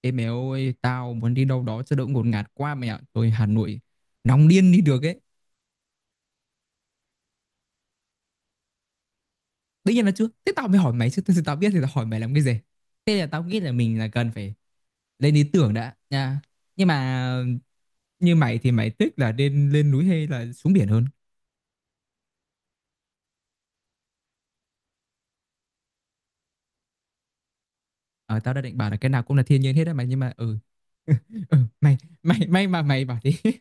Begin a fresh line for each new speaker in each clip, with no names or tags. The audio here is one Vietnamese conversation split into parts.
Ê mẹ ơi, tao muốn đi đâu đó cho đỡ ngột ngạt quá mẹ ạ. Tôi Hà Nội nóng điên đi được ấy. Tất nhiên là chưa. Thế tao mới hỏi mày chứ. Thật sự tao biết thì tao hỏi mày làm cái gì. Thế là tao nghĩ là mình là cần phải lên ý tưởng đã nha. Nhưng mà như mày thì mày thích là lên lên núi hay là xuống biển hơn? Ờ, tao đã định bảo là cái nào cũng là thiên nhiên hết á mày nhưng mà. Ừ, mày mày may mà mày bảo đi.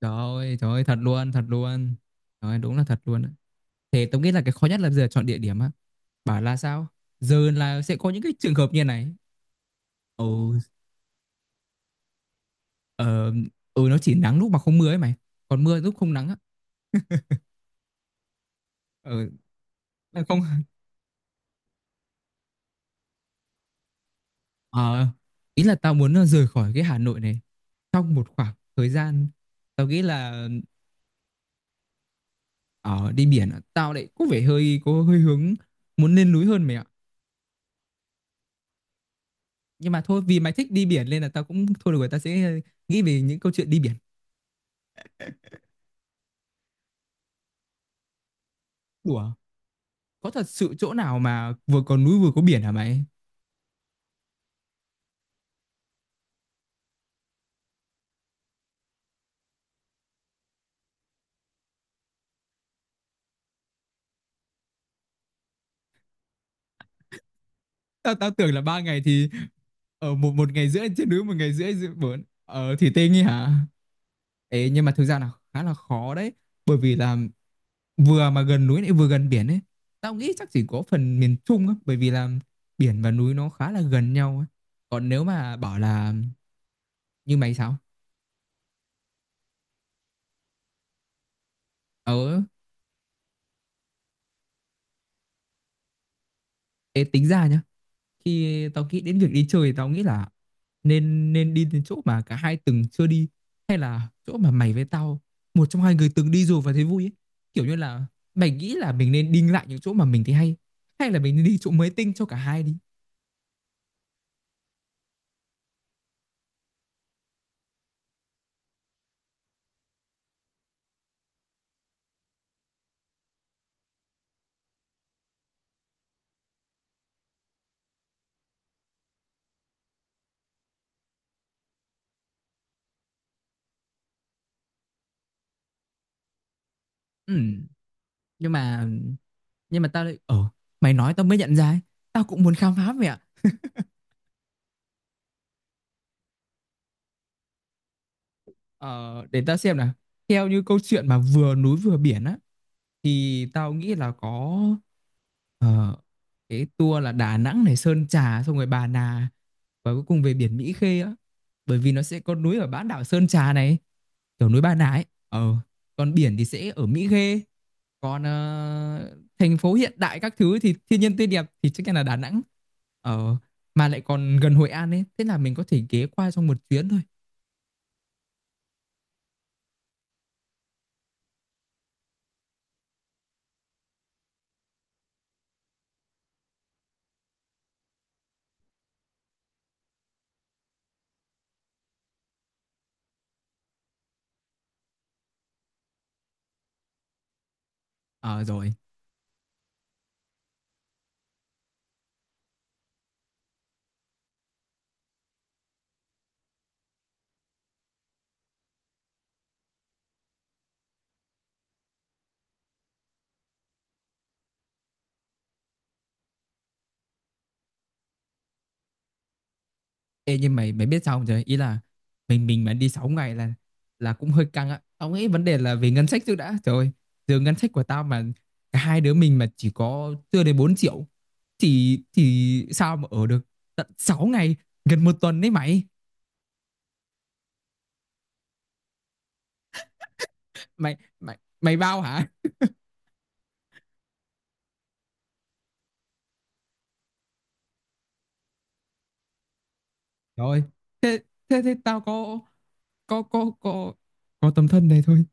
Trời ơi, thật luôn, thật luôn. Trời ơi, đúng là thật luôn á. Thế tao nghĩ là cái khó nhất là bây giờ chọn địa điểm á. Bảo là sao giờ là sẽ có những cái trường hợp như này. Ừ. Ờ. Ừ, nó chỉ nắng lúc mà không mưa ấy mày, còn mưa lúc không nắng á. Ừ, không. ờ, Ý là tao muốn rời khỏi cái Hà Nội này trong một khoảng thời gian. Tao nghĩ là đi biển á, tao lại có vẻ hơi có hơi hướng muốn lên núi hơn mày ạ. Nhưng mà thôi, vì mày thích đi biển nên là tao cũng thôi, được rồi, tao sẽ nghĩ về những câu chuyện đi biển. Đùa, có thật sự chỗ nào mà vừa có núi vừa có biển hả mày? Tao tao tưởng là 3 ngày thì một một ngày rưỡi trên núi, một ngày rưỡi dưới bốn thì tê ấy hả? Ê, nhưng mà thực ra là khá là khó đấy, bởi vì là vừa mà gần núi lại vừa gần biển ấy, tao nghĩ chắc chỉ có phần miền Trung á, bởi vì là biển và núi nó khá là gần nhau ấy. Còn nếu mà bảo là như mày sao ở ê, tính ra nhá, khi tao nghĩ đến việc đi chơi thì tao nghĩ là nên nên đi đến chỗ mà cả hai từng chưa đi, hay là chỗ mà mày với tao, một trong hai người từng đi rồi và thấy vui ấy. Kiểu như là mày nghĩ là mình nên đi lại những chỗ mà mình thấy hay, hay là mình nên đi chỗ mới tinh cho cả hai đi. Ừ, nhưng mà nhưng mà tao lại ờ mày nói tao mới nhận ra ấy. Tao cũng muốn khám phá mẹ. Ờ để tao xem nào. Theo như câu chuyện mà vừa núi vừa biển á thì tao nghĩ là có ờ, cái tour là Đà Nẵng này, Sơn Trà, xong rồi Bà Nà và cuối cùng về biển Mỹ Khê á, bởi vì nó sẽ có núi ở bán đảo Sơn Trà này, kiểu núi Bà Nà ấy, còn biển thì sẽ ở Mỹ Khê. Còn thành phố hiện đại các thứ thì thiên nhiên tươi đẹp thì chắc chắn là Đà Nẵng, ờ mà lại còn gần Hội An ấy, thế là mình có thể ghé qua trong một chuyến thôi. Ờ rồi. Ê, nhưng mày mày biết sao không trời, ý là mình mà đi 6 ngày là cũng hơi căng á, tao nghĩ vấn đề là về ngân sách trước đã. Trời ơi, giờ ngân sách của tao mà cả hai đứa mình mà chỉ có chưa đến 4 triệu thì sao mà ở được tận 6 ngày, gần một tuần đấy mày. Mày bao hả? Trời ơi, thế thế thế tao có có có có tấm thân này thôi.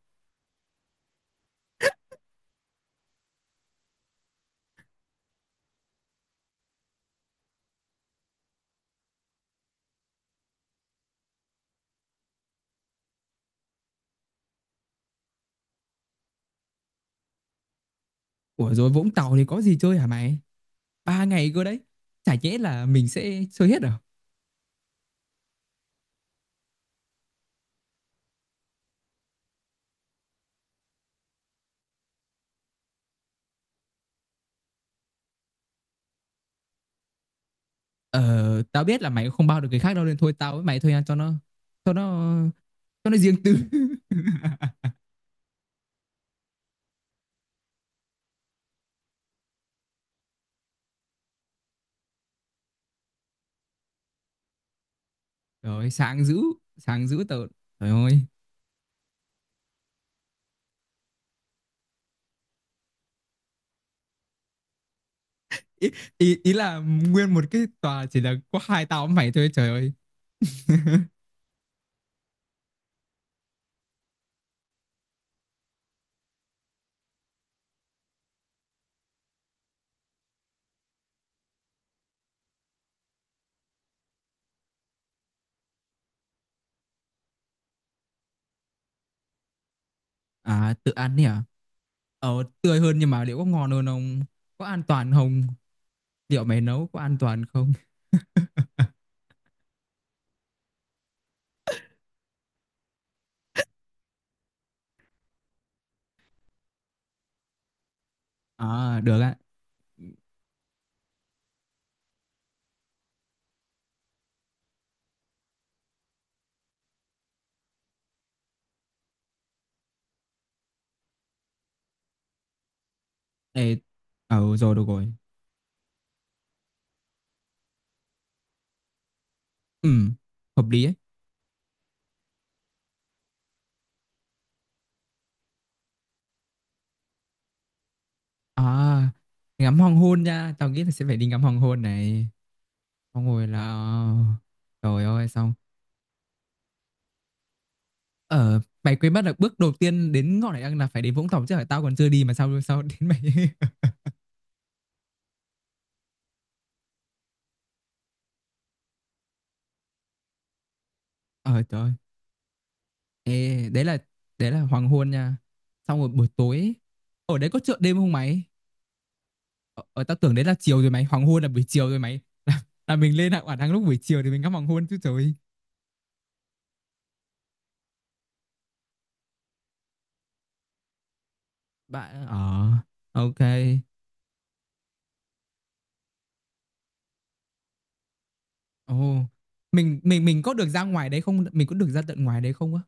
Ủa rồi, Vũng Tàu thì có gì chơi hả mày? 3 ngày cơ đấy, chả nhẽ là mình sẽ chơi hết à? Ờ, tao biết là mày cũng không bao được người khác đâu, nên thôi tao với mày thôi nha, cho nó cho nó riêng tư. Rồi sáng dữ tợn. Trời ơi. Ý, ý là nguyên một cái tòa chỉ là có hai tao với mày thôi, trời ơi. À tự ăn đi à? Ờ, tươi hơn, nhưng mà liệu có ngon hơn không? Có an toàn không? Liệu mày nấu có an toàn không? À được ạ. Ê, rồi được rồi. Ừ, hợp lý ấy. À, ngắm hoàng hôn nha, tao nghĩ là sẽ phải đi ngắm hoàng hôn này. Xong rồi là trời ơi, xong. Mày quên mất là bước đầu tiên đến ngọn hải đăng là phải đến Vũng Tàu chứ, phải tao còn chưa đi mà sao sao đến mày. Ờ, trời ơi. Ê, đấy là hoàng hôn nha, xong rồi buổi tối ấy, ở đấy có chợ đêm không mày? Ờ, Tao tưởng đấy là chiều rồi mày, hoàng hôn là buổi chiều rồi mày, là, là mình lên hải đăng lúc buổi chiều thì mình ngắm hoàng hôn chứ trời. Bạn ok. Ồ, mình có được ra ngoài đấy không, mình có được ra tận ngoài đấy không á?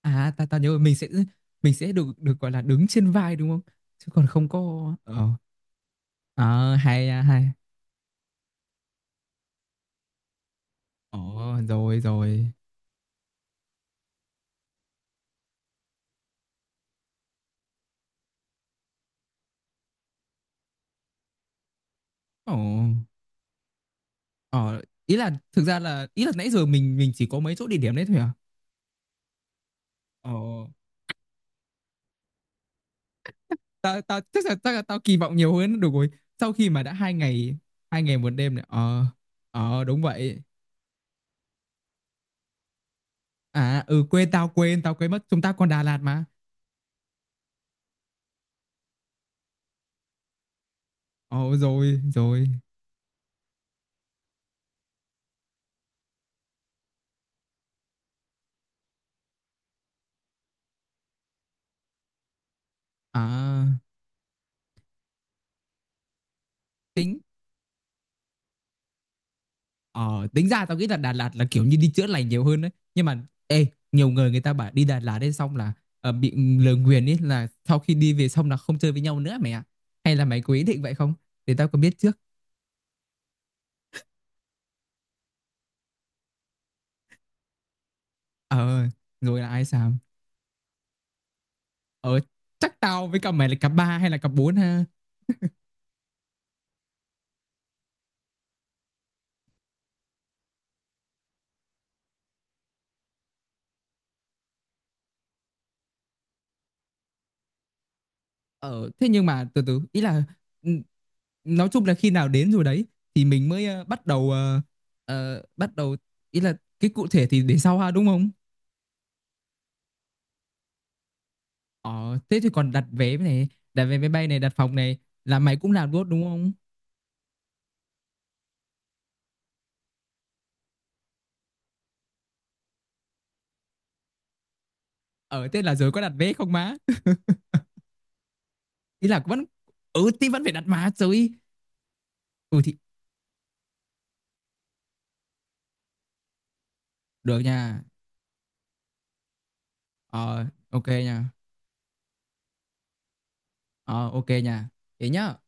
À, tao tao nhớ rồi, mình sẽ được được gọi là đứng trên vai đúng không? Chứ còn không có à, hay, à, hay. Ồ rồi rồi. Ồ, ờ ý là thực ra là nãy giờ mình chỉ có mấy chỗ địa điểm đấy thôi à? Ồ, tao tao chắc là tao kỳ vọng nhiều hơn được rồi. Sau khi mà đã hai ngày một đêm này. Ờ, ờ, đúng vậy. À, ừ, quên mất chúng ta còn Đà Lạt mà. Ồ rồi rồi. À, tính Ờ, tính ra tao nghĩ là Đà Lạt là kiểu như đi chữa lành nhiều hơn đấy. Nhưng mà ê, nhiều người người ta bảo đi Đà Lạt đến xong là bị lời nguyền ấy, là sau khi đi về xong là không chơi với nhau nữa mày ạ. Hay là mày có ý định vậy không? Để tao có biết trước. Ờ, rồi là ai sao? Ờ, chắc tao với cả mày là cặp ba hay là cặp bốn ha. Ờ, thế nhưng mà từ từ ý là ừ, nói chung là khi nào đến rồi đấy thì mình mới bắt đầu, ý là cái cụ thể thì để sau ha đúng không? Ờ, thế thì còn đặt vé này, đặt vé máy bay này, đặt phòng này là mày cũng làm luôn đúng không? Thế là giờ có đặt vé không má? Ý là vẫn thì vẫn phải đặt má rồi. Ừ thì được nha. Ờ, OK nha. Ờ, OK nha. Thế nhá.